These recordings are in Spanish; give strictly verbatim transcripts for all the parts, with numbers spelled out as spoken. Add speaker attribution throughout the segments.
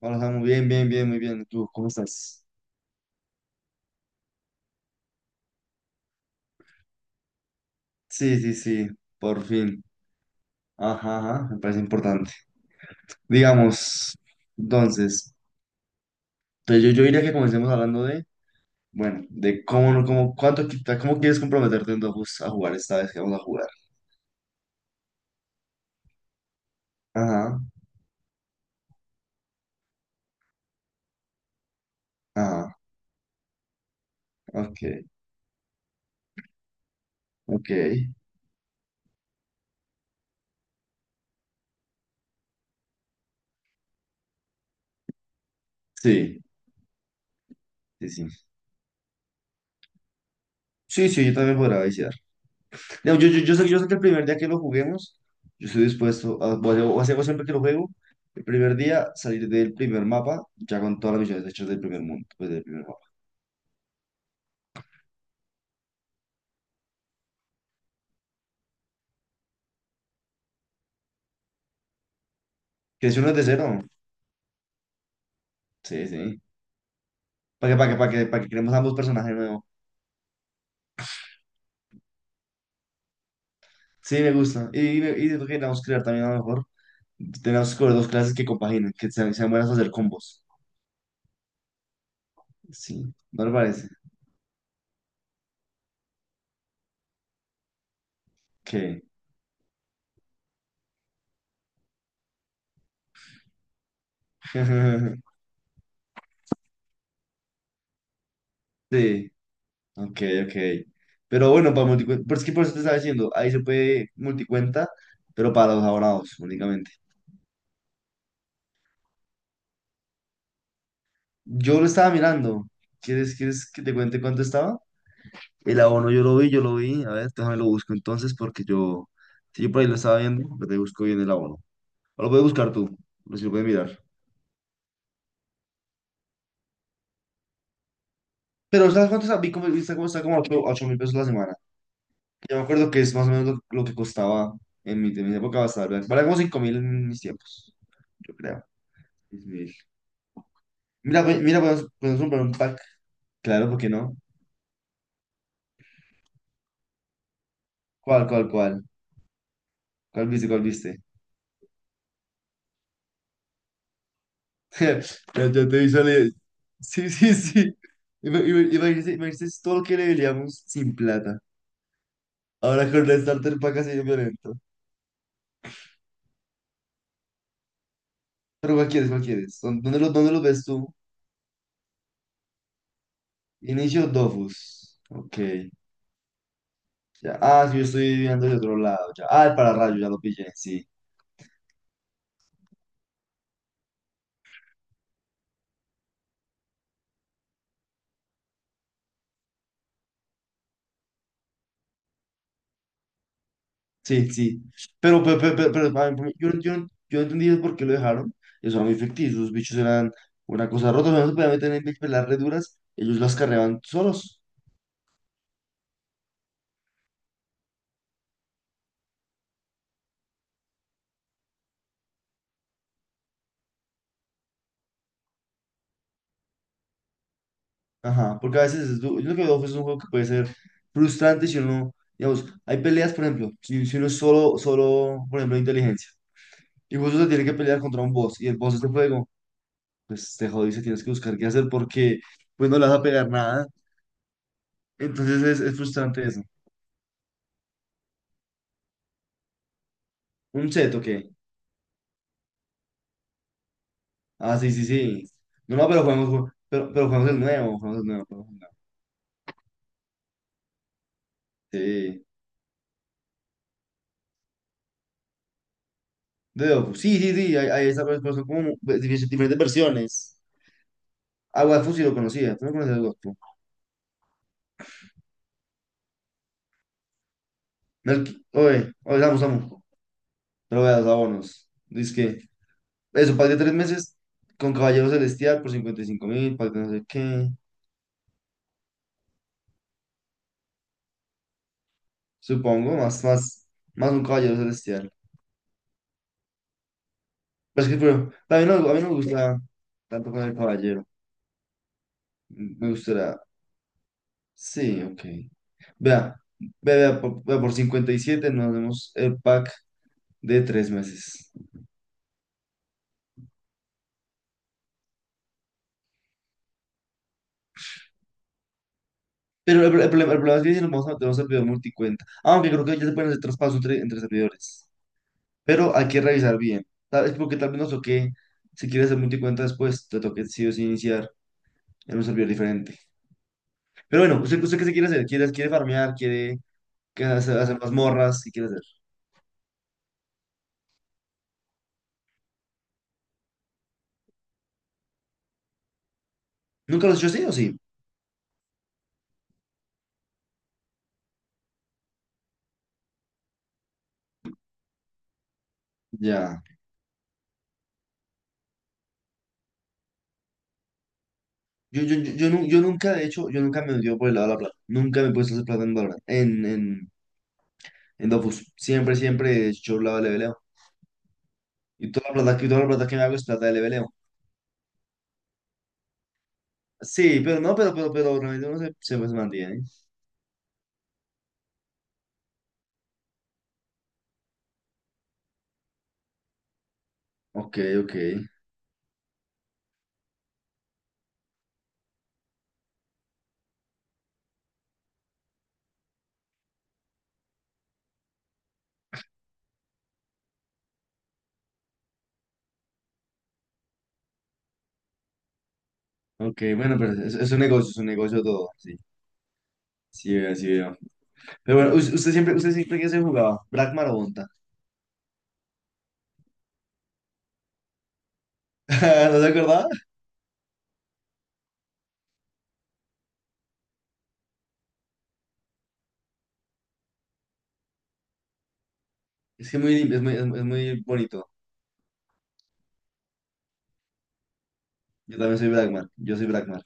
Speaker 1: Hola, Samu, bien, bien, bien, muy bien. ¿Y tú cómo estás? Sí, sí, sí, por fin. Ajá, ajá, me parece importante. Digamos, entonces, pues yo, yo diría que comencemos hablando de, bueno, de cómo, no- cómo, cuánto, qui- cómo quieres comprometerte en Dofus a jugar esta vez que vamos a jugar. Ajá, ajá, ok, ok. Sí, sí, sí. Sí, sí, yo también podrá iniciar. No, yo, yo, yo sé, yo sé que el primer día que lo juguemos, yo estoy dispuesto a, voy a- voy a hacer- siempre que lo juego, el primer día salir del primer mapa ya con todas las misiones hechas del primer mundo, pues del primer mapa. Que si uno es de cero, sí, sí. Para que, para que, para que, para que creemos ambos personajes nuevos. Sí, me gusta. Y, y, y siento que tenemos que crear también a lo mejor, tenemos que coger dos clases que compaginen, que sean, sean buenas para hacer combos. Sí, ¿no le parece? Que. Sí. Ok, ok. Pero bueno, para multicuenta, pero es que por eso te estaba diciendo, ahí se puede multicuenta, pero para los abonados únicamente. Yo lo estaba mirando. ¿Quieres, quieres que te cuente cuánto estaba? El abono yo lo vi, yo lo vi. A ver, déjame lo busco entonces porque yo, si yo por ahí lo estaba viendo, pero te busco bien el abono. O lo puedes buscar tú, o si lo puedes mirar. Pero ¿sabes cuánto está? Vi como, está como, está como ocho ocho mil pesos la semana. Yo me acuerdo que es más o menos lo, lo que costaba en mi, en mi época, bastante. A valía como cinco mil en mis tiempos, yo creo. Mira, pues- mira, podemos, podemos comprar un pack. Claro, ¿por qué no? ¿Cuál, cuál, cuál? ¿Cuál viste, cuál viste? Yo, yo te visualicé. Sí, sí, sí. Ima- ima- Imagínese, imagínese todo lo que le veríamos sin plata. Ahora con el starter pack así de violento. Pero ¿cuál quieres, cuál quieres? ¿Dó- ¿Dónde lo, dónde lo ves tú? Inicio Dofus. Ok. Ya. Ah, sí, yo estoy viendo de otro lado. Ya. Ah, el pararrayo, ya lo pillé, sí. Sí, sí. Pero, pero, pero, pero- pero, pa- pa- yo, no- yo, no- yo no entendí por qué lo dejaron. Eso era muy ficticio. Los bichos eran una cosa rota. O sea, no se podían meter en pelas re duras. Ellos las carreaban solos. Ajá. Porque a veces es du- yo lo que veo pues, es un juego que puede ser frustrante si uno, digamos, hay peleas, por ejemplo, si, si uno es solo, solo, por ejemplo, de inteligencia. Y justo se tiene que pelear contra un boss. Y el boss es de fuego. Pues te jodiste, tienes que buscar qué hacer porque pues no le vas a pegar nada. Entonces es, es frustrante eso. Un set, ok. Ah, sí, sí, sí. No, no, pero jugamos, ju- pero, pero jugamos el nuevo, jugamos el nuevo, jugamos el nuevo. Sí. De Dofus. Sí, sí, sí, hay, hay esas, pero pero son como ve- difer- diferentes versiones. Agua de sí lo conocía, tú no conoces Agua. Oye, oye, vamos, vamos. Pero veas, vámonos. Dice que, eso, pack de tres meses con Caballero Celestial por cincuenta y cinco mil, pack de no sé qué, supongo, más, más, más un Caballero Celestial. Pero es que, pero, a mí no, a mí no me gusta tanto con el Caballero. Me gustaría. Sí, ok. Vea, vea, vea, por, vea, por cincuenta y siete nos damos el pack de tres meses. Pero el, el problema, el problema es que si nos vamos a meter a un servidor multicuenta. Aunque creo que ya se pueden hacer traspasos entre, entre servidores. Pero hay que revisar bien. Tal, es porque tal vez nos toque, si quieres hacer multicuenta después, te toque sí o sí iniciar en un servidor diferente. Pero bueno, ¿usted, usted qué se quiere hacer? ¿Quiere, quiere farmear? ¿Quiere que hacer, hacer mazmorras? ¿Qué quiere hacer? ¿Nunca lo has hecho así o sí? Ya. Yo, yo, yo, yo nu- yo nunca, de hecho, yo nunca me he metido por el lado de la plata. Nunca me he puesto a hacer plata en Valorant, en, en, en Dofus. Siempre, siempre yo la de leveleo. Y toda la plata, que- toda la plata que me hago es plata de leveleo. Sí, pero no, pero, pero, pero realmente uno se, se, se mantiene, ¿eh? Ok, ok. Ok, bueno, pero es, es un negocio, es un negocio todo. Sí, sí veo, sí veo. Pero bueno, us- usted siempre, usted siempre que se jugaba, ¿Bragmar o Bonta? ¿No se acordaba? Es que muy, lim- es muy, es, muy es muy bonito. Yo también soy Bragmar. Yo soy Bragmar.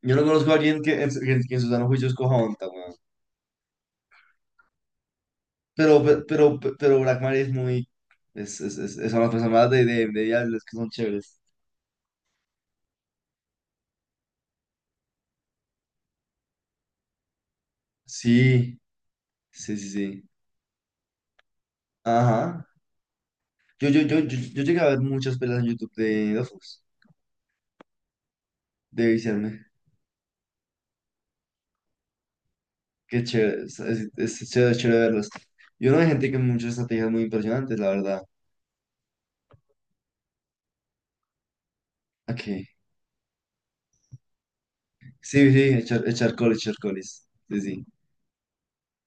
Speaker 1: Yo no conozco a alguien que, en su- que en que en su sano juicio escoja Onta, weón. Pero, pe- pero, pe- pero, Blackmar es muy. Es, es, es, es- son las personas de, de, de Diablo, es que son chéveres. Sí, sí, sí, sí. Ajá. Yo, yo, yo, yo, yo llegué a ver muchas peleas en YouTube de Dofus, de viciarme. Qué chévere, es, es, es chévere, chévere verlas. Yo no hay gente que muchas estrategias muy impresionantes, la verdad. Aquí. Sí, sí, echar, echar colis, echar colis. Sí, sí.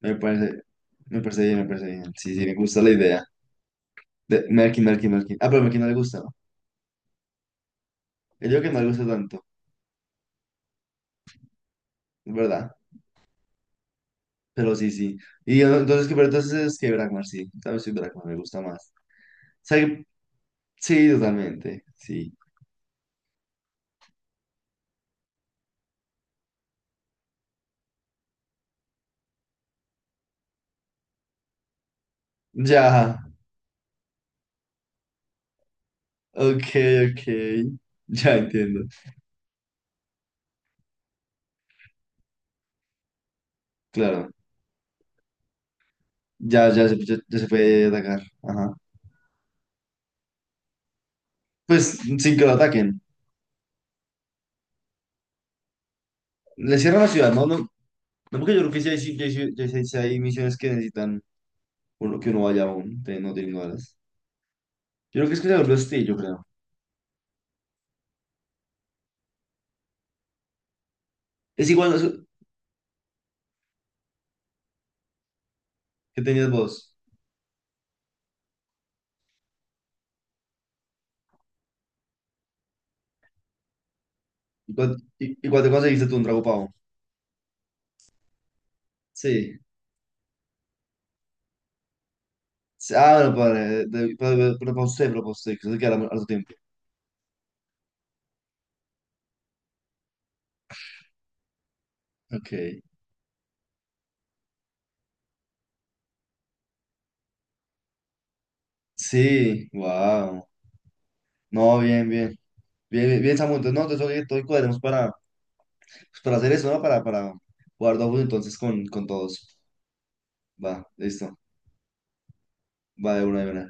Speaker 1: Me parece, me parece bien, me parece bien. Sí, sí, me gusta la idea. De Merkin, Merkin, Merkin. Ah, pero Merkin no le gusta, ¿no? Yo digo que no le gusta tanto, es verdad. Pero sí, sí. Y yo, entonces, que- pero entonces es que Brakmar, sí. Tal vez sí, Brakmar me gusta más. O sea, que- sí, totalmente, sí. Ya, ok, ok. Ya entiendo. Claro, ya, ya, se- ya, ya se puede atacar. Ajá. Pues sin que lo ataquen. Le cierran la ciudad, ¿no? No, no porque yo creo que sí hay, sí hay- sí hay- sí hay misiones que necesitan uno, que uno vaya aún, te- no teniendo alas. Yo creo que es que se volvió hostil, yo creo. Es igual. ¿Qué tenías vos? ¿Y cuál, y, y cuál te conseguiste tú un trago pavo? Sí. Sí, ah, bueno, padre, de- pero, pero- pero para usted, pero para usted, que se queda harto tiempo. Ok. Sí, wow. No, bien, bien. Bien, bien, bien, Samu. Entonces, no, entonces, oye, todo cuadremos para, pues, para hacer eso, ¿no? Para, para jugar Dofus entonces con, con todos. Va, listo. Va de una de una.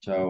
Speaker 1: Chao.